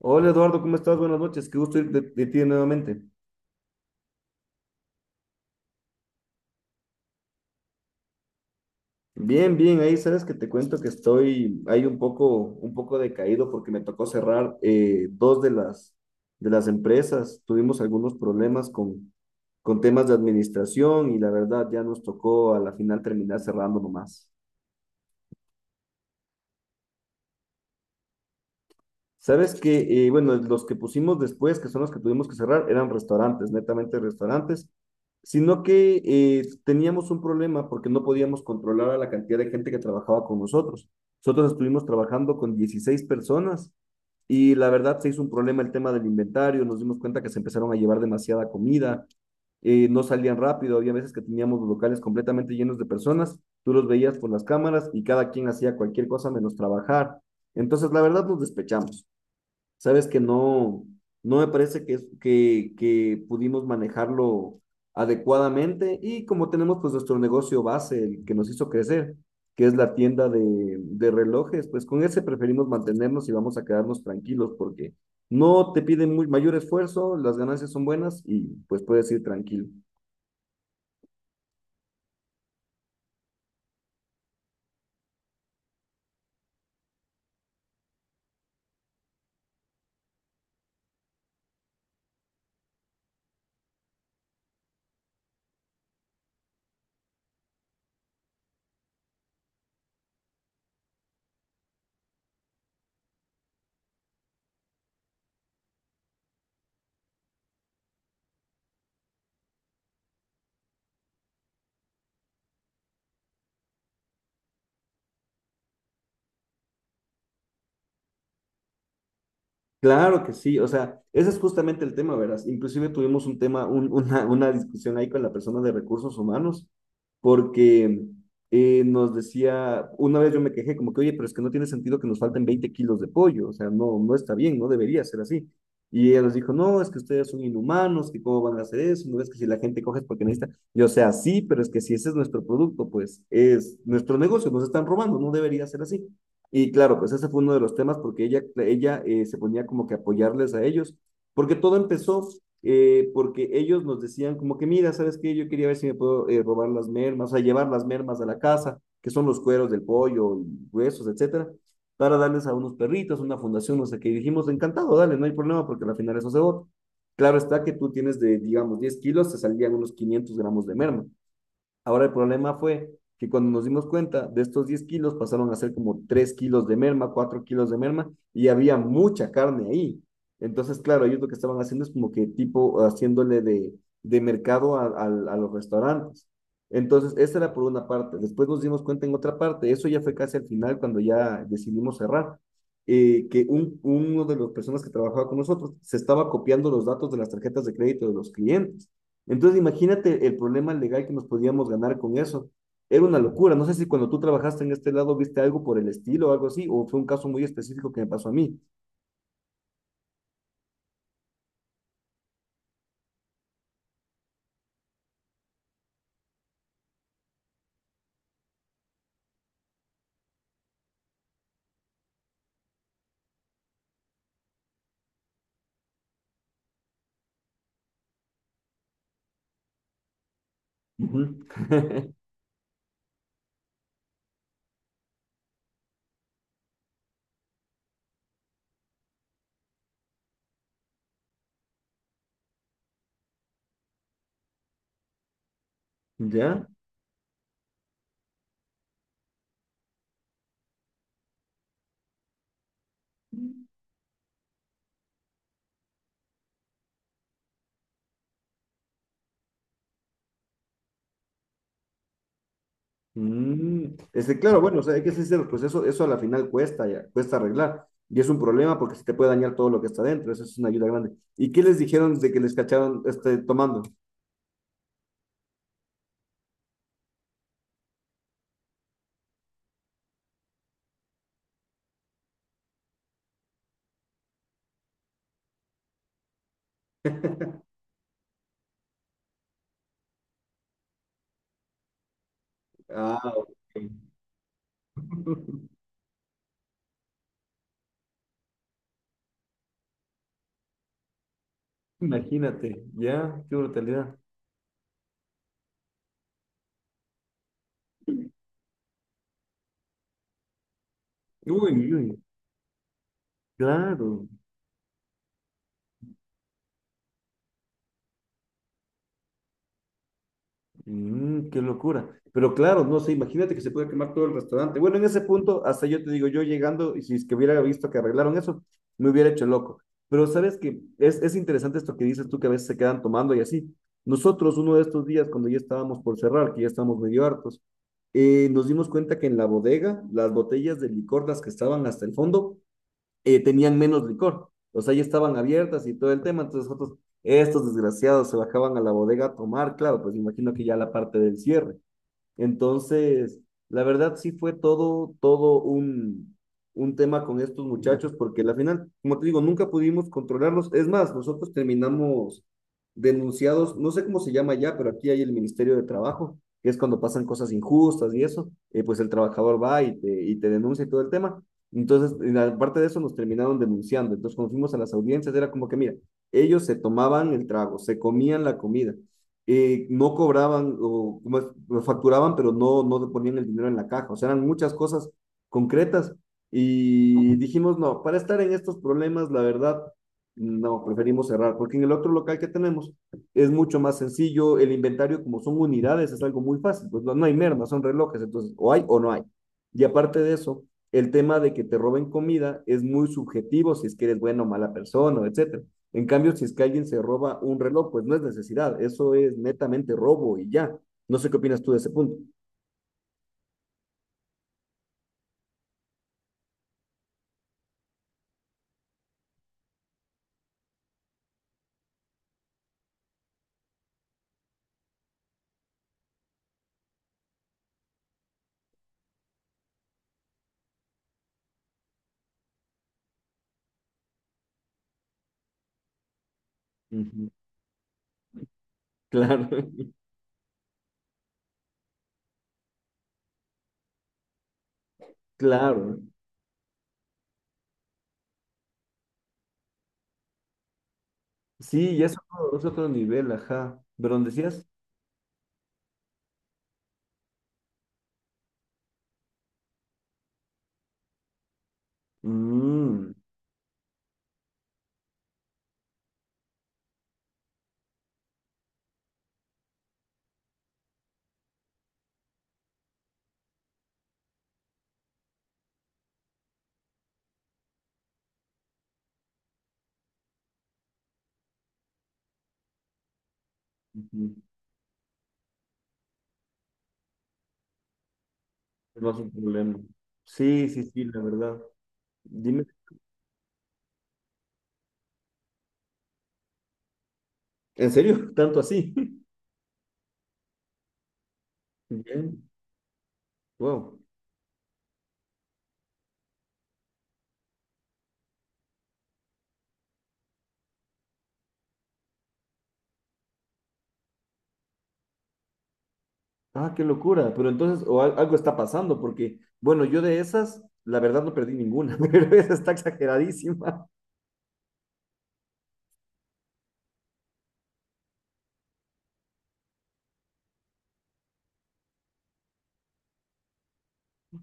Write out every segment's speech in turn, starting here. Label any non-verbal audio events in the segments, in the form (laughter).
Hola Eduardo, ¿cómo estás? Buenas noches, qué gusto ir de ti nuevamente. Bien, bien, ahí sabes que te cuento que estoy ahí un poco decaído porque me tocó cerrar dos de de las empresas. Tuvimos algunos problemas con temas de administración y la verdad ya nos tocó a la final terminar cerrando nomás. Sabes que, bueno, los que pusimos después, que son los que tuvimos que cerrar, eran restaurantes, netamente restaurantes, sino que teníamos un problema porque no podíamos controlar a la cantidad de gente que trabajaba con nosotros. Nosotros estuvimos trabajando con 16 personas y la verdad se hizo un problema el tema del inventario, nos dimos cuenta que se empezaron a llevar demasiada comida, no salían rápido, había veces que teníamos los locales completamente llenos de personas, tú los veías por las cámaras y cada quien hacía cualquier cosa menos trabajar. Entonces, la verdad nos despechamos. Sabes que no, no me parece que, que pudimos manejarlo adecuadamente y como tenemos pues nuestro negocio base, el que nos hizo crecer, que es la tienda de relojes, pues con ese preferimos mantenernos y vamos a quedarnos tranquilos porque no te piden muy, mayor esfuerzo, las ganancias son buenas y pues puedes ir tranquilo. Claro que sí, o sea, ese es justamente el tema, verás. Inclusive tuvimos un tema, una discusión ahí con la persona de recursos humanos, porque nos decía, una vez yo me quejé como que, oye, pero es que no tiene sentido que nos falten 20 kilos de pollo, o sea, no, no está bien, no debería ser así. Y ella nos dijo, no, es que ustedes son inhumanos, que cómo van a hacer eso, no es que si la gente coge es porque necesita. Yo, o sea, sí, pero es que si ese es nuestro producto, pues es nuestro negocio, nos están robando, no debería ser así. Y claro, pues ese fue uno de los temas porque ella se ponía como que apoyarles a ellos, porque todo empezó porque ellos nos decían como que, mira, ¿sabes qué? Yo quería ver si me puedo robar las mermas, o sea, llevar las mermas a la casa, que son los cueros del pollo y huesos, etcétera, para darles a unos perritos, una fundación, no sé qué. Y dijimos, encantado, dale, no hay problema porque al final eso se vota. Claro está que tú tienes de, digamos, 10 kilos, te salían unos 500 gramos de merma. Ahora el problema fue que cuando nos dimos cuenta de estos 10 kilos pasaron a ser como 3 kilos de merma, 4 kilos de merma y había mucha carne ahí. Entonces, claro, ellos lo que estaban haciendo es como que tipo haciéndole de mercado a los restaurantes. Entonces, esa era por una parte. Después nos dimos cuenta en otra parte, eso ya fue casi al final cuando ya decidimos cerrar, que uno de las personas que trabajaba con nosotros se estaba copiando los datos de las tarjetas de crédito de los clientes. Entonces, imagínate el problema legal que nos podíamos ganar con eso. Era una locura. No sé si cuando tú trabajaste en este lado viste algo por el estilo o algo así, o fue un caso muy específico que me pasó a mí. Ujú. (laughs) ¿Ya? Mm, Este, claro, bueno, o sea, hay que ser sinceros, pues eso a la final cuesta, ya, cuesta arreglar. Y es un problema porque se te puede dañar todo lo que está dentro, eso es una ayuda grande. ¿Y qué les dijeron de que les cacharon este, tomando? Ah, ok. (laughs) Imagínate, ya, qué brutalidad. Uy, uy, claro. Mm, qué locura. Pero claro, no sé, imagínate que se puede quemar todo el restaurante. Bueno, en ese punto, hasta yo te digo, yo llegando, y si es que hubiera visto que arreglaron eso, me hubiera hecho loco. Pero sabes que es interesante esto que dices tú, que a veces se quedan tomando y así. Nosotros, uno de estos días, cuando ya estábamos por cerrar, que ya estábamos medio hartos, nos dimos cuenta que en la bodega, las botellas de licor, las que estaban hasta el fondo, tenían menos licor. O sea, ya estaban abiertas y todo el tema. Entonces nosotros, estos desgraciados se bajaban a la bodega a tomar, claro, pues imagino que ya la parte del cierre. Entonces, la verdad sí fue todo un tema con estos muchachos, porque la final, como te digo, nunca pudimos controlarlos. Es más, nosotros terminamos denunciados, no sé cómo se llama ya, pero aquí hay el Ministerio de Trabajo, que es cuando pasan cosas injustas y eso, pues el trabajador va y te denuncia y todo el tema. Entonces, en aparte de eso, nos terminaron denunciando. Entonces, cuando fuimos a las audiencias, era como que, mira, ellos se tomaban el trago, se comían la comida, no cobraban o como es, lo facturaban, pero no, no ponían el dinero en la caja. O sea, eran muchas cosas concretas y dijimos, no, para estar en estos problemas, la verdad, no, preferimos cerrar, porque en el otro local que tenemos es mucho más sencillo, el inventario como son unidades es algo muy fácil, pues no, no hay merma, son relojes, entonces o hay o no hay. Y aparte de eso, el tema de que te roben comida es muy subjetivo, si es que eres buena o mala persona, etcétera. En cambio, si es que alguien se roba un reloj, pues no es necesidad, eso es netamente robo y ya. No sé qué opinas tú de ese punto. Ujú. Claro, (laughs) claro. Sí, ya es otro nivel, ajá. ¿Pero dónde decías? Mm, ujú. Es más un problema. Sí, sí, sí, la verdad. Dime. ¿En serio? (laughs) ¿Tanto así? (laughs) Bien. Wow. Ah, qué locura. Pero entonces, o al- algo está pasando, porque, bueno, yo de esas, la verdad no perdí ninguna, (laughs) pero esa está exageradísima.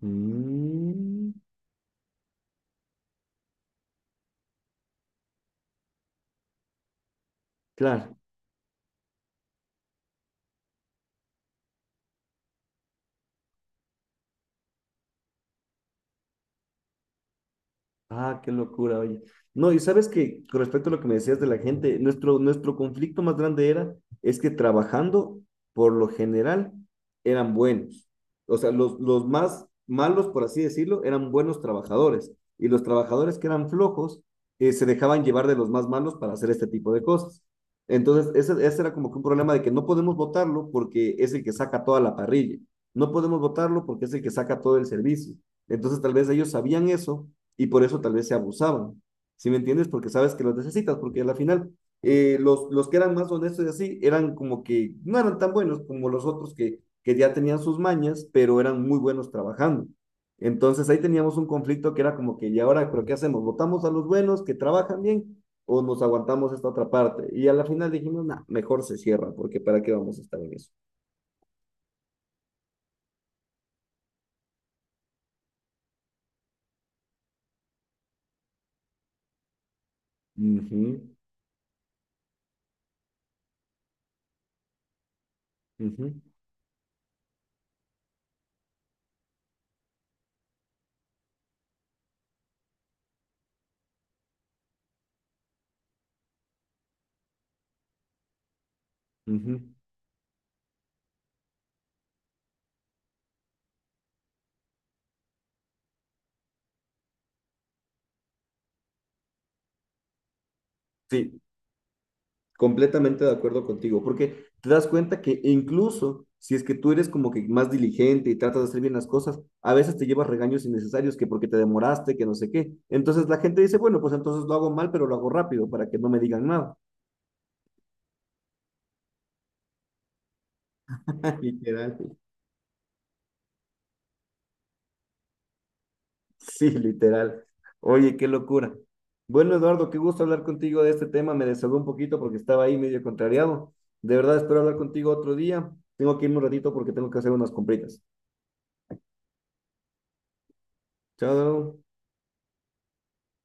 Mm. Claro. Ah, qué locura, oye. No, y sabes que con respecto a lo que me decías de la gente, nuestro conflicto más grande era, es que trabajando, por lo general, eran buenos. O sea, los más malos, por así decirlo, eran buenos trabajadores. Y los trabajadores que eran flojos, se dejaban llevar de los más malos para hacer este tipo de cosas. Entonces, ese era como que un problema de que no podemos votarlo porque es el que saca toda la parrilla. No podemos votarlo porque es el que saca todo el servicio. Entonces, tal vez ellos sabían eso y por eso tal vez se abusaban. ¿Sí me entiendes? Porque sabes que los necesitas, porque a la final los que eran más honestos y así eran como que no eran tan buenos como los otros que ya tenían sus mañas, pero eran muy buenos trabajando. Entonces ahí teníamos un conflicto que era como que, ¿y ahora, pero qué hacemos? ¿Votamos a los buenos que trabajan bien o nos aguantamos esta otra parte? Y a la final dijimos, no, mejor se cierra, porque ¿para qué vamos a estar en eso? Ujú, ujú, ujú. Sí, Completamente de acuerdo contigo, porque te das cuenta que incluso si es que tú eres como que más diligente y tratas de hacer bien las cosas, a veces te llevas regaños innecesarios que porque te demoraste, que no sé qué. Entonces la gente dice, bueno, pues entonces lo hago mal, pero lo hago rápido para que no me digan nada. (laughs) Literal. Sí, literal. Oye, qué locura. Bueno, Eduardo, qué gusto hablar contigo de este tema. Me desahogó un poquito porque estaba ahí medio contrariado. De verdad, espero hablar contigo otro día. Tengo que irme un ratito porque tengo que hacer unas compritas. Chao.